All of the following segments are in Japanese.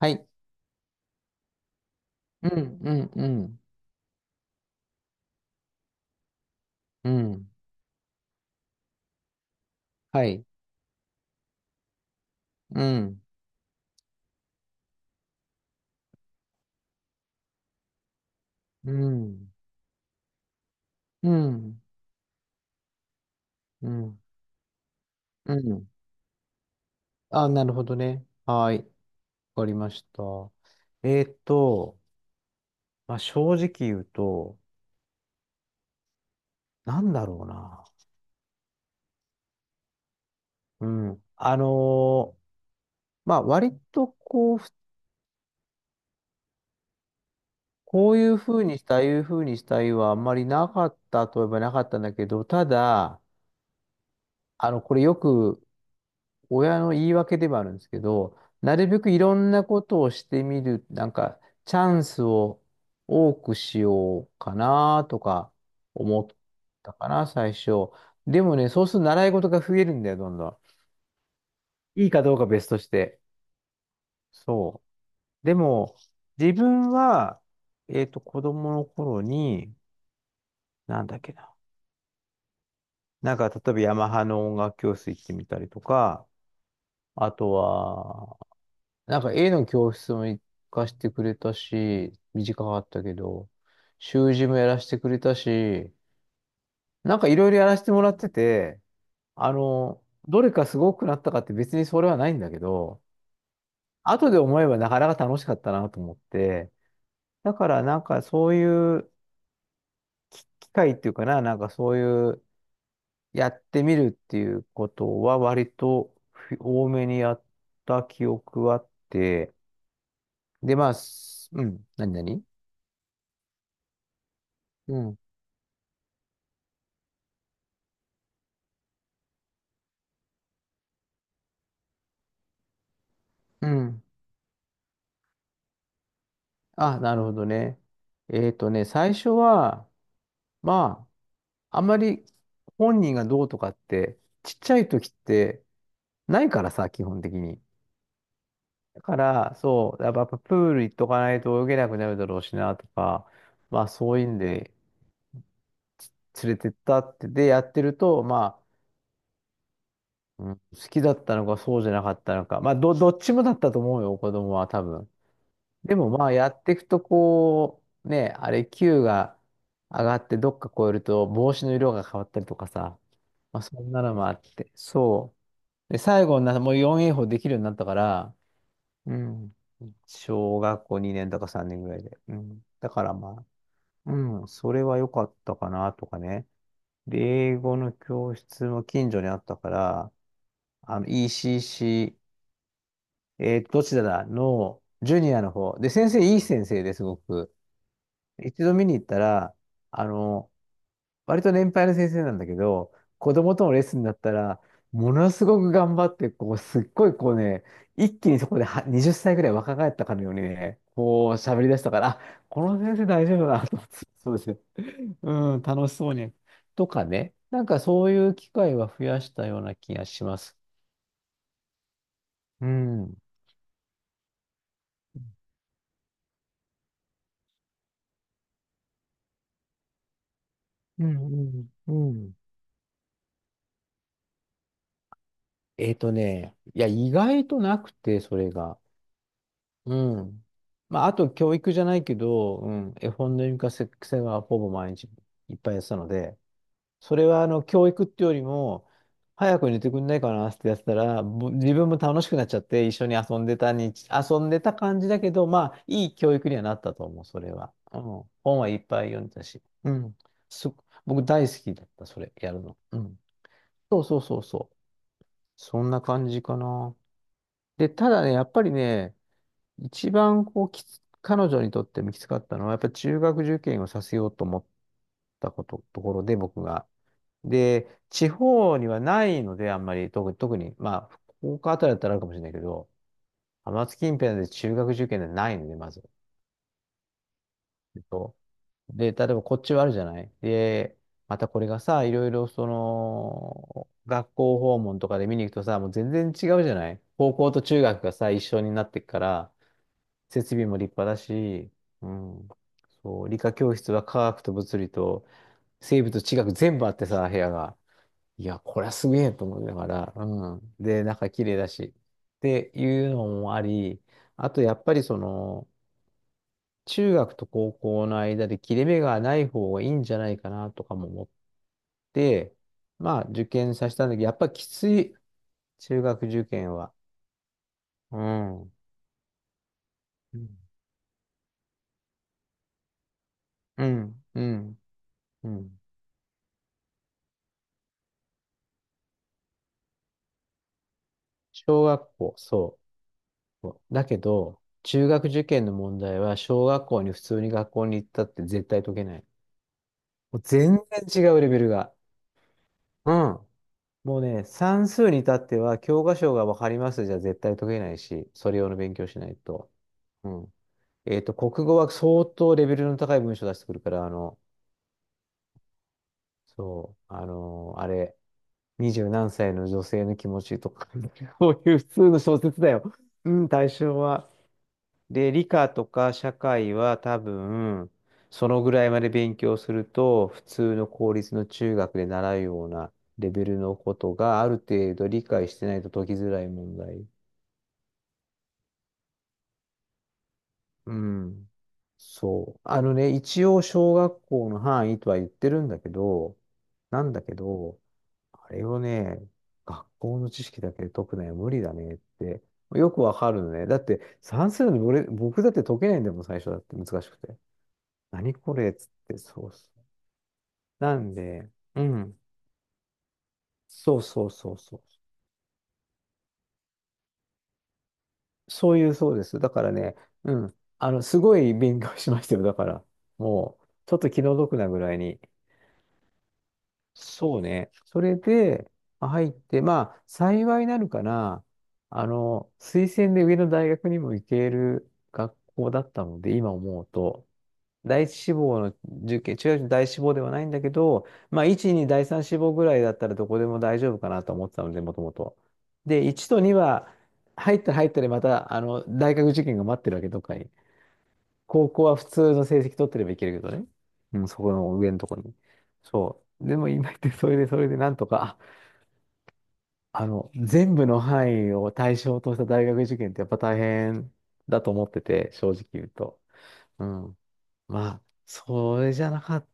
はい。うん、うん、うん、うん。はい。うん、うん、うん、うん、うん。あ、なるほどね。はい。わかりました。えーっと、まあ、正直言うと、なんだろうな。うん。ーまあ、割とこう、こういうふうにしたい、ああいうふうにしたいはあんまりなかったといえばなかったんだけど、ただ、これよく親の言い訳ではあるんですけど、なるべくいろんなことをしてみる、なんか、チャンスを多くしようかなとか思ったかな、最初。でもね、そうすると習い事が増えるんだよ、どんどん。いいかどうか別として。そう。でも、自分は、子供の頃に、なんだっけな。なんか、例えばヤマハの音楽教室行ってみたりとか、あとは、なんか絵の教室も行かしてくれたし、短かったけど、習字もやらせてくれたし、なんかいろいろやらせてもらってて、どれかすごくなったかって別にそれはないんだけど、後で思えばなかなか楽しかったなと思って、だからなんかそういう機会っていうかな、なんかそういうやってみるっていうことは割と多めにやった記憶はあって、で、まあ、うん、何々うん。うん、あ、なるほどね。えっとね、最初は、まあ、あんまり本人がどうとかって、ちっちゃい時ってないからさ、基本的に。だから、そう、やっぱプール行っとかないと泳げなくなるだろうしなとか、まあそういうんで連れてったって、で、やってると、まあ、うん、好きだったのかそうじゃなかったのか、どっちもだったと思うよ、子供は多分。でもまあやっていくとこう、ね、あれ Q が上がってどっか超えると帽子の色が変わったりとかさ、まあそんなのもあって、そう。で、最後にな、もう 4A 法できるようになったから、うん。小学校2年だか3年ぐらいで。うん。だからまあ、うん、それは良かったかなとかね。で、英語の教室も近所にあったから、あの ECC、えーどちらだのジュニアの方。で、先生いい先生ですごく。一度見に行ったら、あの、割と年配の先生なんだけど、子供とのレッスンだったら、ものすごく頑張って、こう、すっごいこうね、一気にそこでは20歳ぐらい若返ったかのようにね、こう喋り出したから、あ、この先生大丈夫だなと思って、そうですね。うん、楽しそうに。とかね、なんかそういう機会は増やしたような気がします。うん。うんうんうん。えっとね、いや、意外となくて、それが。うん。まあ、あと教育じゃないけど、うん、絵本の読み聞かせはほぼ毎日いっぱいやってたので、それはあの教育ってよりも、早く寝てくんないかなってやってたら、自分も楽しくなっちゃって一緒に遊んでたに、遊んでた感じだけど、まあ、いい教育にはなったと思う、それは。うん、本はいっぱい読んでたし、うん、す、僕大好きだった、それ、やるの。うん。そうそうそうそう。そんな感じかな。で、ただね、やっぱりね、一番こうきつ、彼女にとってもきつかったのは、やっぱり中学受験をさせようと思ったこと、ところで僕が。で、地方にはないので、あんまり、特に、まあ、福岡あたりだったらあるかもしれないけど、浜松近辺で中学受験でないので、まず。えっとで、例えばこっちはあるじゃないで、またこれがさ、いろいろその、学校訪問とかで見に行くとさ、もう全然違うじゃない高校と中学がさ、一緒になってくから、設備も立派だし、うん。そう、理科教室は科学と物理と生物と地学全部あってさ、部屋が。いや、これはすげえと思いながら、うん。で、中綺麗だし。っていうのもあり、あとやっぱりその、中学と高校の間で切れ目がない方がいいんじゃないかなとかも思って、まあ受験させたんだけど、やっぱきつい、中学受験は。うん。うん。うん。うん。うん。小学校、そう。だけど、中学受験の問題は、小学校に普通に学校に行ったって絶対解けない。もう全然違うレベルが。うん。もうね、算数に至っては、教科書がわかりますじゃ絶対解けないし、それ用の勉強しないと。うん。えっと、国語は相当レベルの高い文章出してくるから、あの、そう、あの、あれ、二十何歳の女性の気持ちとか、こういう普通の小説だよ。うん、対象は。で、理科とか社会は多分、そのぐらいまで勉強すると、普通の公立の中学で習うようなレベルのことがある程度理解してないと解きづらい問題。うん。そう。あのね、一応小学校の範囲とは言ってるんだけど、なんだけど、あれをね、学校の知識だけで解くのは無理だねって、よくわかるのね。だって算数の僕だって解けないんだもん、最初だって難しくて。何これっつって、そうそう。なんで、うん。そうそうそうそう。そういう、そうです。だからね、うん。すごい勉強しましたよ。だから、もう、ちょっと気の毒なぐらいに。そうね。それで、入って、まあ、幸いなるかな。推薦で上の大学にも行ける学校だったので、今思うと。第一志望の受験、中学の第一志望ではないんだけど、まあ、1、2、第三志望ぐらいだったらどこでも大丈夫かなと思ってたので、もともと。で、1と2は、入ったら入ったでまた、大学受験が待ってるわけ、どっかに。高校は普通の成績取ってればいけるけどね。うん、そこの上のところに。そう。でも今言って、それで、それでなんとか、全部の範囲を対象とした大学受験ってやっぱ大変だと思ってて、正直言うと。うん。まあ、それじゃなかっ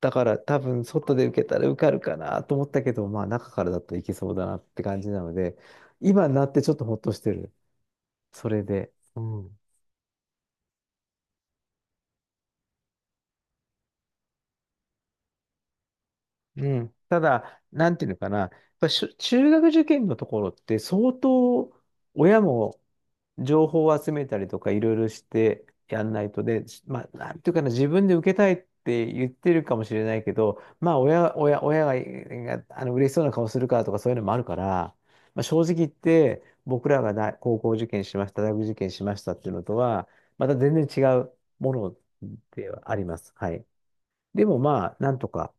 たから、多分外で受けたら受かるかなと思ったけど、まあ中からだといけそうだなって感じなので、今になってちょっとほっとしてる。それで。うん。うん。ただ、なんていうのかな。やっぱ中学受験のところって相当親も情報を集めたりとかいろいろしてやんないとで、まあ、なんていうかな、自分で受けたいって言ってるかもしれないけど、まあ、親が嬉しそうな顔するからとかそういうのもあるから、まあ、正直言って、僕らが高校受験しました、大学受験しましたっていうのとは、また全然違うものではあります。はい。でもまあ、なんとか。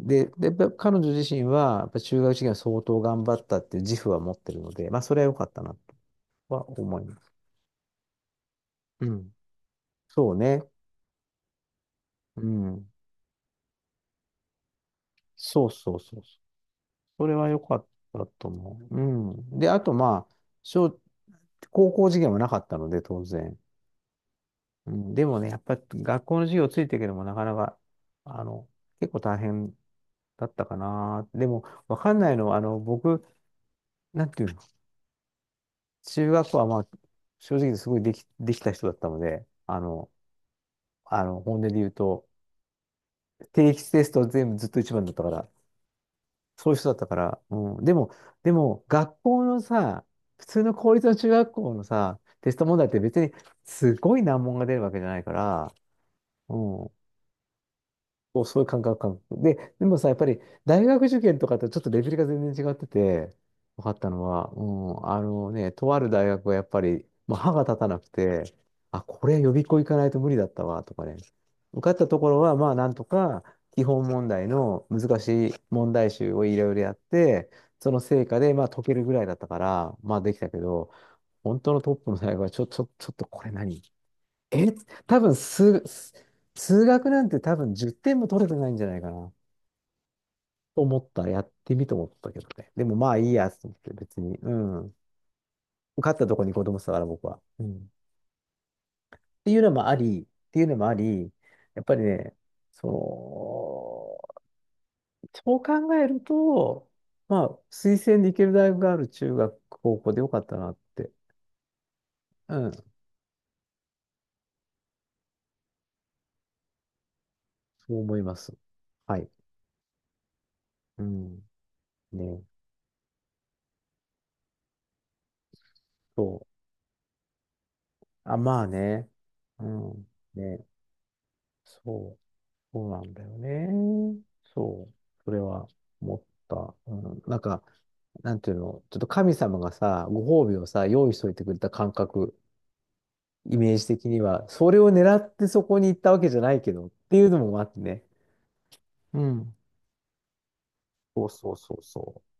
で、やっぱ彼女自身は、やっぱ中学受験は相当頑張ったっていう自負は持ってるので、まあ、それは良かったなとは思います。うん、そうね。うん。そうそうそうそう。それは良かったと思う。うん。で、あとまあ、小、高校受験はなかったので、当然。うん。でもね、やっぱり学校の授業ついてるけども、なかなか、あの、結構大変だったかな。でも、わかんないのは、僕、なんていうの、中学校はまあ、正直すごいできた人だったので、本音で言うと、定期テスト全部ずっと一番だったから、そういう人だったから。うん。でも、学校のさ、普通の公立の中学校のさ、テスト問題って別にすごい難問が出るわけじゃないから、うん。もうそういう感覚、感覚。で、でもさ、やっぱり大学受験とかとちょっとレベルが全然違ってて、分かったのは、うん、あのね、とある大学はやっぱり、まあ、歯が立たなくて、あ、これ予備校行かないと無理だったわ、とかね。受かったところは、まあ、なんとか、基本問題の難しい問題集をいろいろやって、その成果で、まあ、解けるぐらいだったから、まあ、できたけど、本当のトップの大学は、ちょっとこれえ、多分数学なんて多分10点も取れてないんじゃないかな。と思ったらやってみと思ったけどね。でもまあいいやと思って別に。うん。受かったとこに子供したから僕は。うん。っていうのもあり、っていうのもあり、やっぱりね、その、そう考えると、まあ推薦で行ける大学がある中学、高校でよかったなって、うん、そう思います。はい。うん。ね。そう。あ、まあね。うん。ね。そう、そうなんだよね。そう、それは思った。うん、なんか、なんていうの、ちょっと神様がさ、ご褒美をさ、用意しといてくれた感覚、イメージ的には、それを狙ってそこに行ったわけじゃないけど、っていうのもあってね。うん。そうそうそうそう。